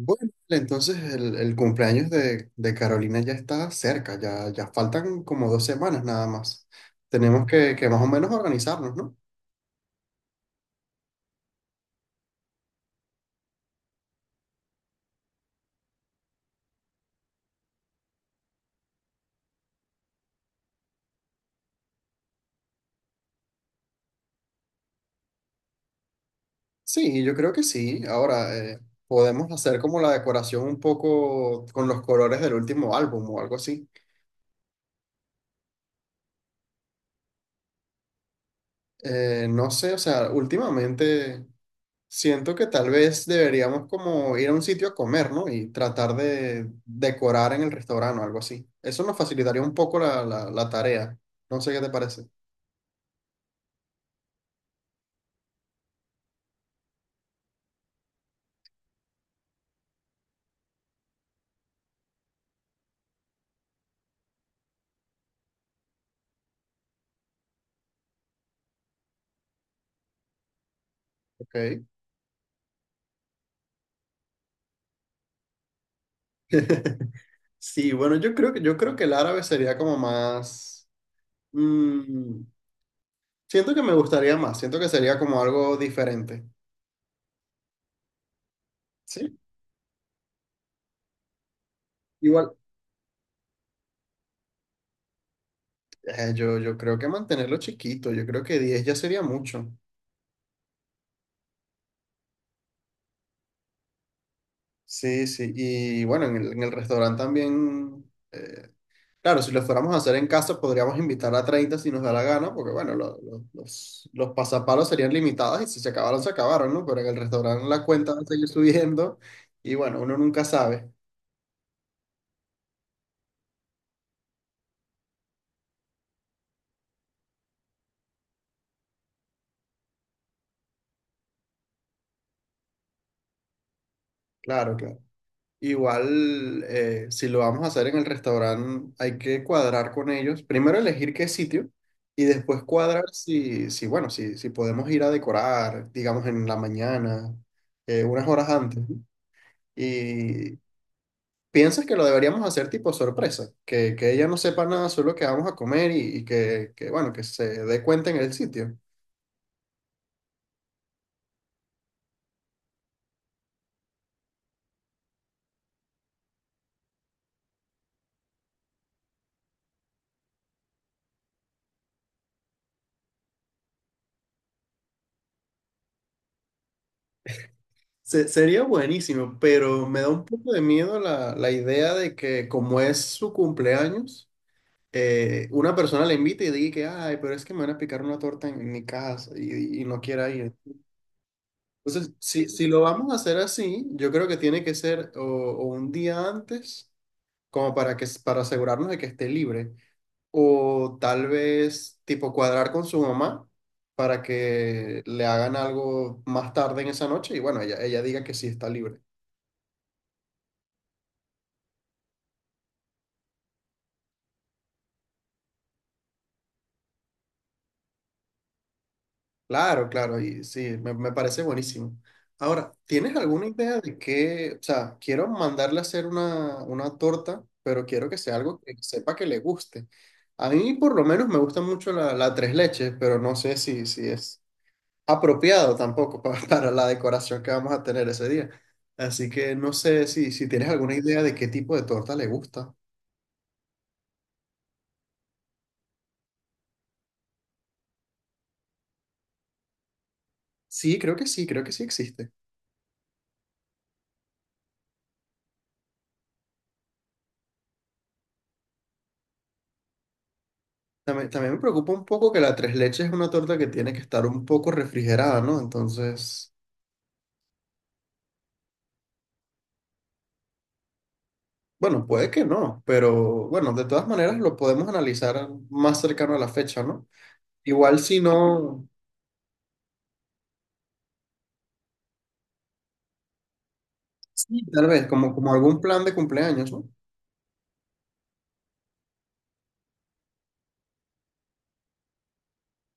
Bueno, entonces el cumpleaños de Carolina ya está cerca, ya faltan como 2 semanas nada más. Tenemos que más o menos organizarnos, ¿no? Sí, yo creo que sí. Ahora, podemos hacer como la decoración un poco con los colores del último álbum o algo así. No sé, o sea, últimamente siento que tal vez deberíamos como ir a un sitio a comer, ¿no? Y tratar de decorar en el restaurante o algo así. Eso nos facilitaría un poco la tarea. No sé qué te parece. Ok. Sí, bueno, yo creo que el árabe sería como más... mm, siento que me gustaría más, siento que sería como algo diferente. Sí, igual. Yo creo que mantenerlo chiquito, yo creo que 10 ya sería mucho. Sí, sí, y bueno, en en el restaurante también eh, claro, si lo fuéramos a hacer en casa, podríamos invitar a 30 si nos da la gana, porque bueno, los pasapalos serían limitados y si se acabaron, se acabaron, ¿no? Pero en el restaurante la cuenta va a seguir subiendo y bueno, uno nunca sabe. Claro, claro. Igual, si lo vamos a hacer en el restaurante, hay que cuadrar con ellos. Primero elegir qué sitio y después cuadrar si podemos ir a decorar, digamos, en la mañana, unas horas antes, ¿no? Y ¿piensas que lo deberíamos hacer tipo sorpresa? Que ella no sepa nada, solo que vamos a comer y bueno, que se dé cuenta en el sitio. Sería buenísimo, pero me da un poco de miedo la idea de que como es su cumpleaños, una persona la invite y diga que, ay, pero es que me van a picar una torta en mi casa y no quiera ir. Entonces, si lo vamos a hacer así, yo creo que tiene que ser o un día antes, como para para asegurarnos de que esté libre. O tal vez tipo cuadrar con su mamá para que le hagan algo más tarde en esa noche y bueno, ella diga que sí está libre. Claro, claro, y sí, me parece buenísimo. Ahora, ¿tienes alguna idea de qué? O sea, quiero mandarle a hacer una torta, pero quiero que sea algo que sepa que le guste. A mí por lo menos me gusta mucho la tres leches, pero no sé si es apropiado tampoco para la decoración que vamos a tener ese día. Así que no sé si tienes alguna idea de qué tipo de torta le gusta. Sí, creo que sí, creo que sí existe. También, también me preocupa un poco que la tres leches es una torta que tiene que estar un poco refrigerada, ¿no? Entonces, bueno, puede que no, pero bueno, de todas maneras lo podemos analizar más cercano a la fecha, ¿no? Igual si no, sí, tal vez, como, como algún plan de cumpleaños, ¿no?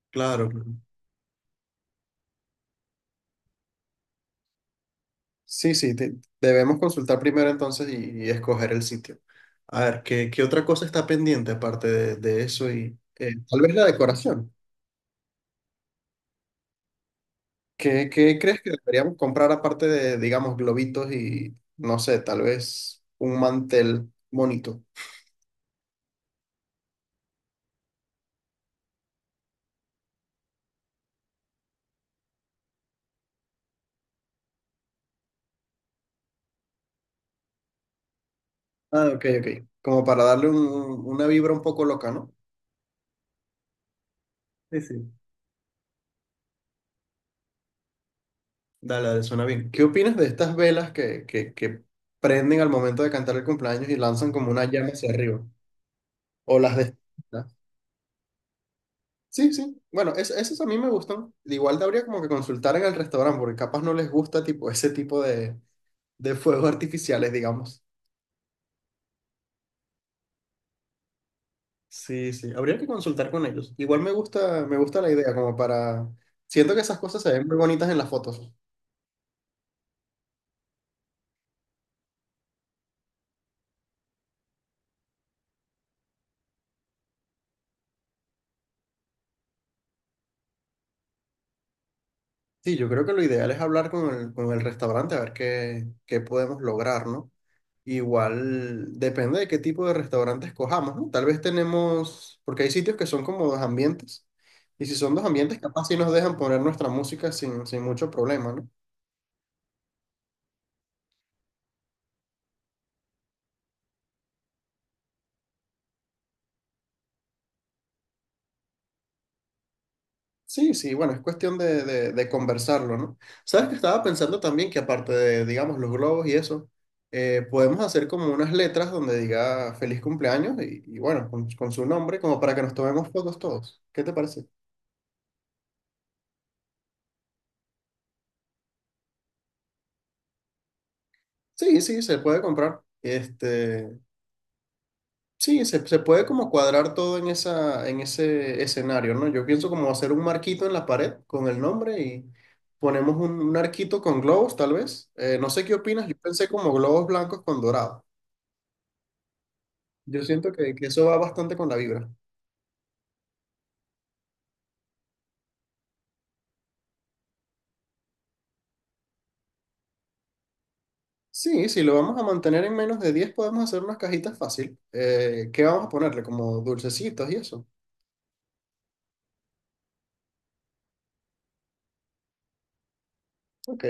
Claro. Sí, sí, debemos consultar primero entonces y escoger el sitio. A ver, ¿qué otra cosa está pendiente aparte de eso y tal vez la decoración? ¿Qué crees que deberíamos comprar aparte de, digamos, globitos y, no sé, tal vez un mantel bonito? Ah, ok, ok. Como para una vibra un poco loca, ¿no? Sí, sí. Dale, dale, suena bien. ¿Qué opinas de estas velas que prenden al momento de cantar el cumpleaños y lanzan como una llama hacia arriba? O las de... Sí, sí. Bueno, esos a mí me gustan. Igual habría como que consultar en el restaurante, porque capaz no les gusta tipo ese tipo de fuegos artificiales, digamos. Sí, sí. Habría que consultar con ellos. Igual me gusta la idea, como para. Siento que esas cosas se ven muy bonitas en las fotos. Sí, yo creo que lo ideal es hablar con con el restaurante a ver qué podemos lograr, ¿no? Igual depende de qué tipo de restaurante escojamos, ¿no? Tal vez tenemos, porque hay sitios que son como dos ambientes, y si son dos ambientes, capaz sí nos dejan poner nuestra música sin mucho problema, ¿no? Sí, sí, bueno, es cuestión de conversarlo, ¿no? Sabes que estaba pensando también que aparte de, digamos, los globos y eso, podemos hacer como unas letras donde diga feliz cumpleaños y bueno, con su nombre, como para que nos tomemos fotos todos. ¿Qué te parece? Sí, sí, se puede comprar. Este, sí, se puede como cuadrar todo en en ese escenario, ¿no? Yo pienso como hacer un marquito en la pared con el nombre y ponemos un arquito con globos, tal vez. No sé qué opinas, yo pensé como globos blancos con dorado. Yo siento que eso va bastante con la vibra. Sí, si lo vamos a mantener en menos de 10 podemos hacer unas cajitas fácil. ¿Qué vamos a ponerle? Como dulcecitos y eso. Ok,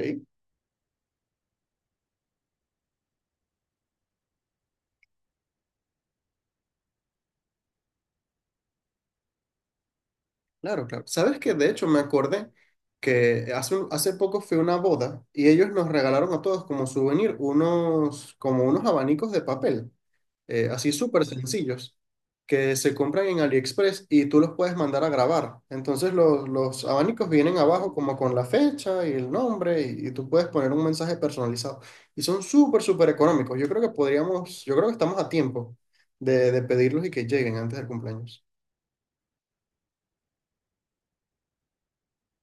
claro, claro. ¿Sabes qué? De hecho, me acordé que hace poco fue una boda y ellos nos regalaron a todos como souvenir unos, como unos abanicos de papel. Así súper sencillos, que se compran en AliExpress y tú los puedes mandar a grabar. Entonces los abanicos vienen abajo como con la fecha y el nombre y tú puedes poner un mensaje personalizado. Y son súper, súper económicos. Yo creo que podríamos, yo creo que estamos a tiempo de pedirlos y que lleguen antes del cumpleaños.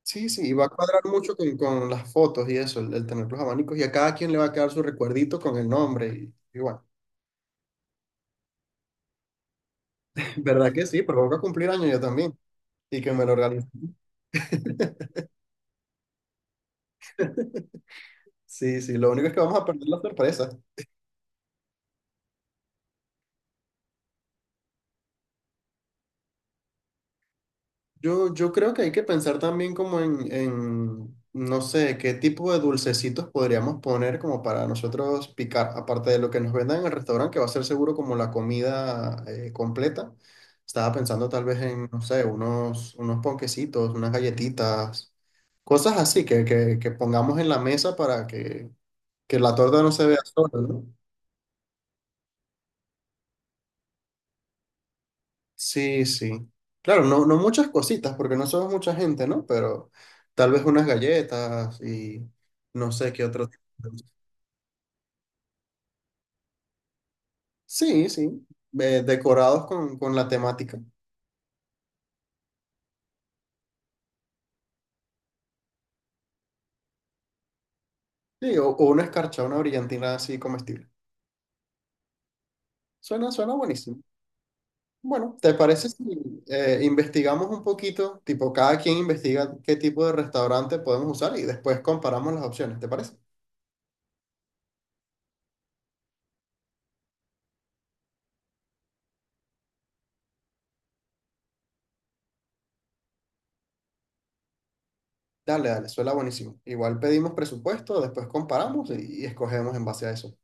Sí, sí, y va a cuadrar mucho con las fotos y eso, el tener los abanicos y a cada quien le va a quedar su recuerdito con el nombre y bueno, ¿verdad que sí? Porque voy a cumplir años yo también y que me lo organice. Sí, sí, lo único es que vamos a perder la sorpresa. Yo creo que hay que pensar también como en, no sé, qué tipo de dulcecitos podríamos poner como para nosotros picar, aparte de lo que nos vendan en el restaurante, que va a ser seguro como la comida completa. Estaba pensando tal vez en, no sé, unos ponquecitos, unas galletitas, cosas así que pongamos en la mesa para que la torta no se vea sola, ¿no? Sí, sí. Claro, no, no muchas cositas, porque no somos mucha gente, ¿no? Pero tal vez unas galletas y no sé qué otro tipo de cosas. Sí, sí. Eh, decorados con la temática. Sí, o una escarcha, una brillantina así comestible. Suena, suena buenísimo. Bueno, ¿te parece si investigamos un poquito? Tipo, cada quien investiga qué tipo de restaurante podemos usar y después comparamos las opciones, ¿te parece? Dale, dale, suena buenísimo. Igual pedimos presupuesto, después comparamos y escogemos en base a eso.